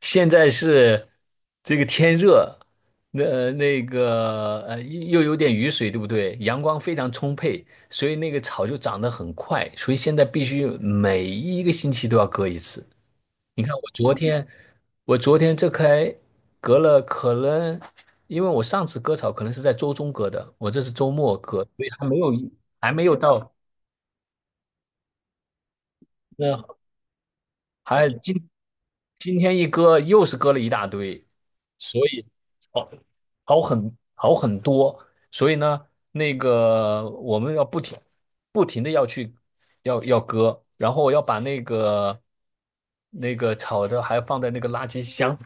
现在是这个天热，那个又有点雨水，对不对？阳光非常充沛，所以那个草就长得很快，所以现在必须每一个星期都要割一次。你看我昨天，我昨天这才割了，可能因为我上次割草可能是在周中割的，我这是周末割，所以还没有还没有到。嗯，还今今天一割又是割了一大堆。所以好好很好很多。所以呢，那个我们要不停的要去要割，然后要把那个炒的还放在那个垃圾箱。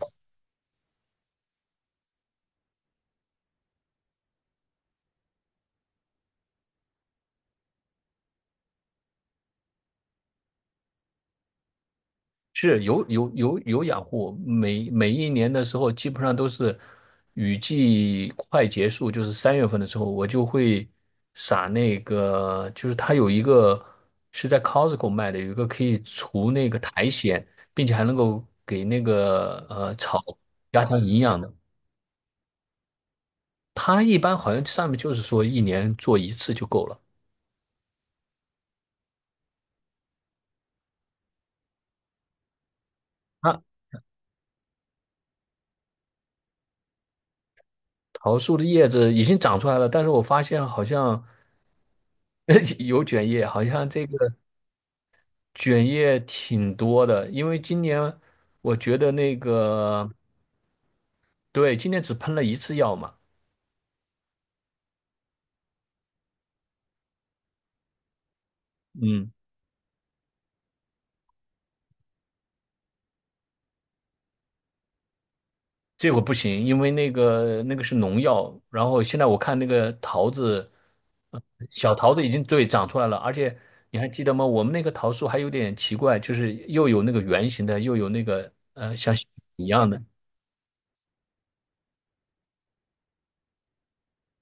是有养护，每一年的时候，基本上都是雨季快结束，就是三月份的时候，我就会撒那个，就是它有一个是在 Costco 卖的，有一个可以除那个苔藓，并且还能够给那个草加强营养的。它一般好像上面就是说一年做一次就够了。啊，桃树的叶子已经长出来了，但是我发现好像 有卷叶，好像这个。卷叶挺多的，因为今年我觉得那个。对，今年只喷了一次药嘛。嗯，这果不行，因为那个是农药，然后现在我看那个桃子，呃小桃子已经对长出来了，而且你还记得吗？我们那个桃树还有点奇怪，就是又有那个圆形的，又有那个像一样的。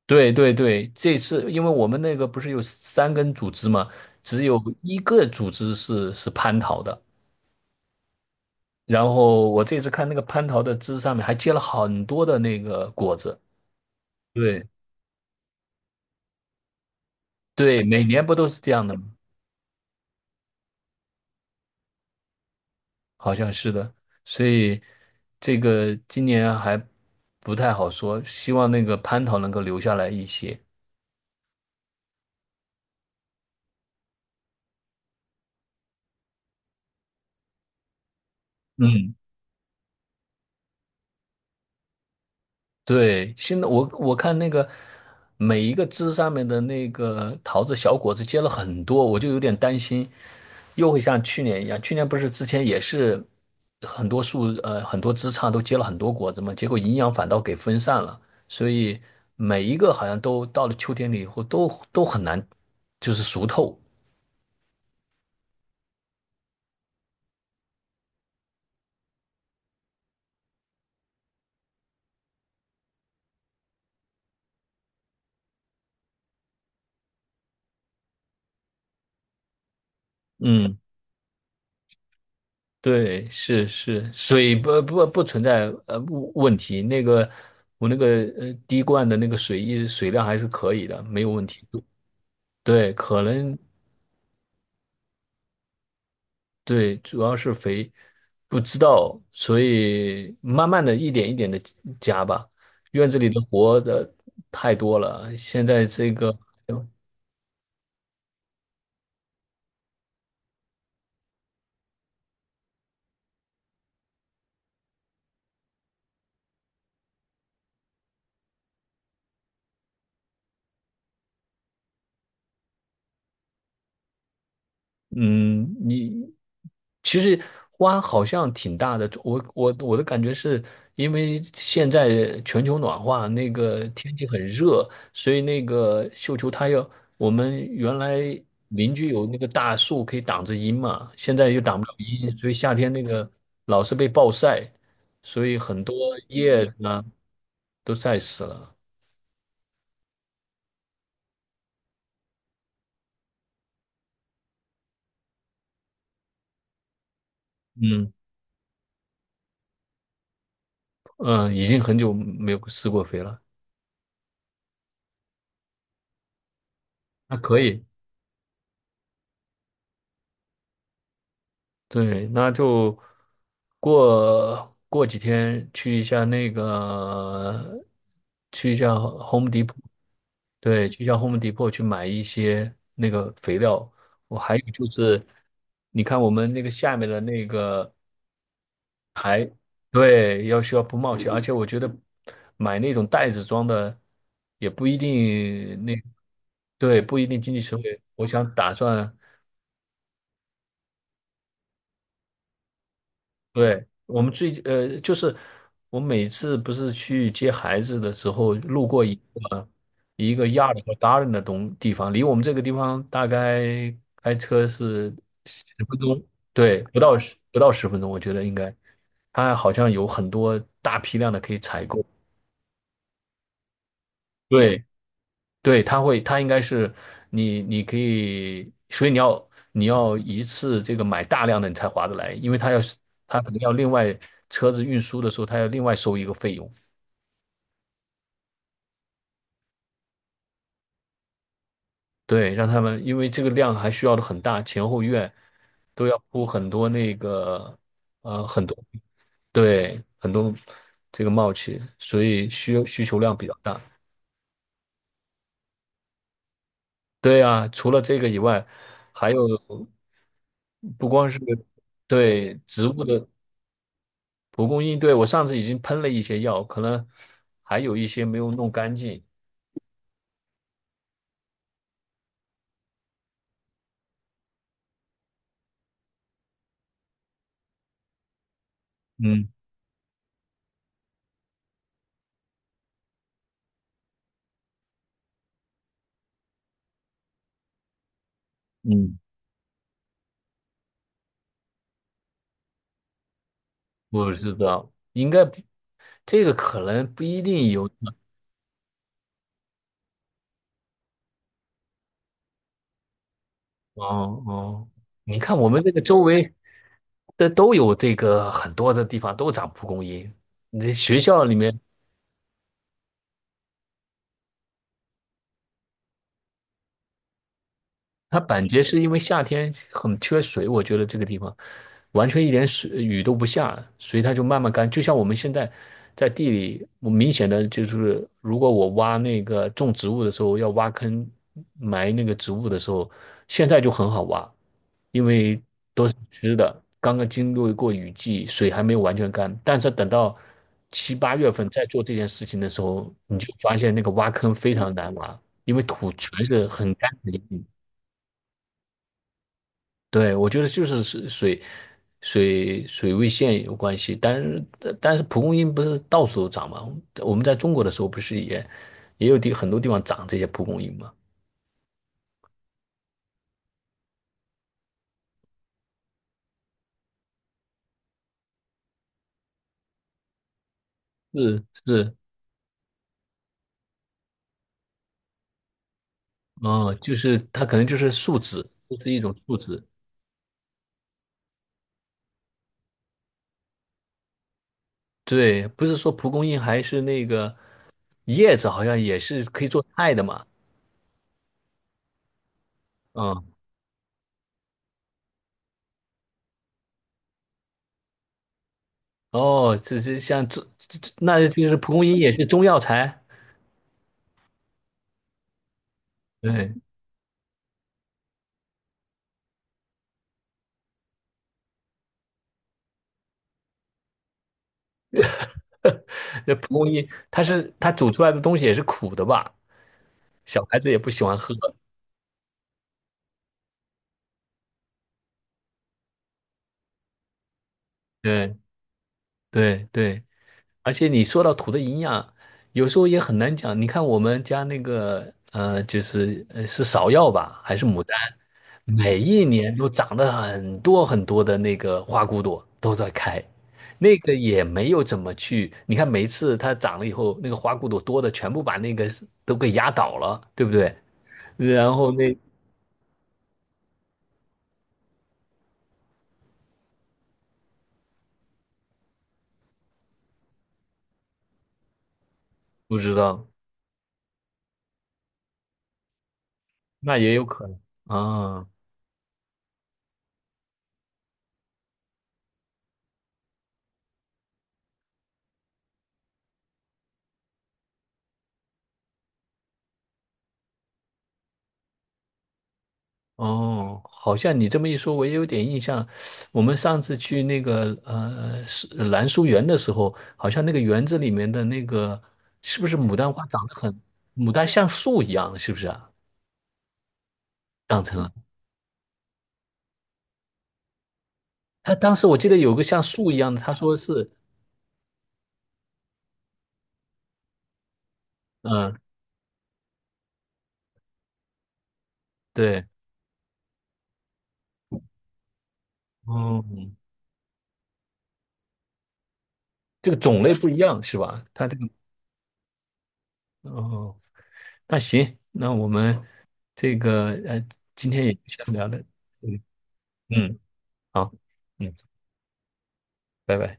对对对，这次因为我们那个不是有三根组织嘛，只有一个组织是蟠桃的。然后我这次看那个蟠桃的枝上面还结了很多的那个果子。对对，每年不都是这样的吗？好像是的，所以这个今年还不太好说，希望那个蟠桃能够留下来一些。嗯，对，现在我看那个每一个枝上面的那个桃子小果子结了很多，我就有点担心，又会像去年一样。去年不是之前也是很多树很多枝杈都结了很多果子嘛，结果营养反倒给分散了，所以每一个好像都到了秋天里以后都很难就是熟透。嗯。对，是是，水不存在问题。那个我那个滴灌的那个水一直水量还是可以的，没有问题。对，可能对，主要是肥不知道，所以慢慢的一点一点的加吧。院子里的活的太多了，现在这个嗯，你其实花好像挺大的。我的感觉是因为现在全球暖化，那个天气很热，所以那个绣球它要我们原来邻居有那个大树可以挡着阴嘛，现在又挡不了阴，所以夏天那个老是被暴晒，所以很多叶子呢都晒死了。嗯嗯，已经很久没有施过肥了，那可以。对，那就过几天去一下那个，去一下 Home Depot。对，去一下 Home Depot 去买一些那个肥料。我还有就是，你看我们那个下面的那个还，对，要需要不冒险，而且我觉得买那种袋子装的也不一定那，对，不一定经济实惠。我想打算。对，我们最，就是我每次不是去接孩子的时候，路过一个亚 a r d 和达 a 的东地方，离我们这个地方大概开车是十分钟。对，不到十分钟，我觉得应该，它好像有很多大批量的可以采购。对，对，它会，它应该是你，你可以，所以你要一次这个买大量的，你才划得来，因为它要是它可能要另外车子运输的时候，它要另外收一个费用。对，让他们因为这个量还需要的很大，前后院都要铺很多那个很多对很多这个冒气，所以需求量比较大。对啊，除了这个以外，还有不光是对植物的。蒲公英，对，我上次已经喷了一些药，可能还有一些没有弄干净。嗯嗯，我知道，应该不这个可能不一定有 哦哦，你看我们这个周围的都有这个很多的地方都长蒲公英，你这学校里面它板街是因为夏天很缺水，我觉得这个地方完全一点水雨都不下，所以它就慢慢干。就像我们现在在地里，我明显的就是，如果我挖那个种植物的时候要挖坑埋那个植物的时候，现在就很好挖，因为都是湿的，刚刚经历过雨季，水还没有完全干。但是等到七八月份再做这件事情的时候，你就发现那个挖坑非常难挖，因为土全是很干的。对，我觉得就是水水位线有关系，但是但是蒲公英不是到处都长吗？我们在中国的时候不是也也有地很多地方长这些蒲公英吗？是是，哦，就是它可能就是树脂，就是一种树脂。对，不是说蒲公英还是那个叶子，好像也是可以做菜的嘛。嗯，哦，这是像这这，这那就是蒲公英也是中药材。对，那蒲公英它是它煮出来的东西也是苦的吧？小孩子也不喜欢喝。对对对，而且你说到土的营养，有时候也很难讲。你看我们家那个，就是是芍药吧，还是牡丹，每一年都长得很多很多的那个花骨朵都在开，那个也没有怎么去。你看每一次它长了以后，那个花骨朵多的全部把那个都给压倒了，对不对？然后那不知道。那也有可能啊。哦，好像你这么一说，我也有点印象。我们上次去那个是兰书园的时候，好像那个园子里面的那个是不是牡丹花长得很，牡丹像树一样，是不是啊？长成了。他当时我记得有个像树一样的，他说是，嗯，对。哦，这个种类不一样是吧？他这个，哦，那行，那我们这个，今天也就先聊的。嗯，嗯好。嗯。拜拜。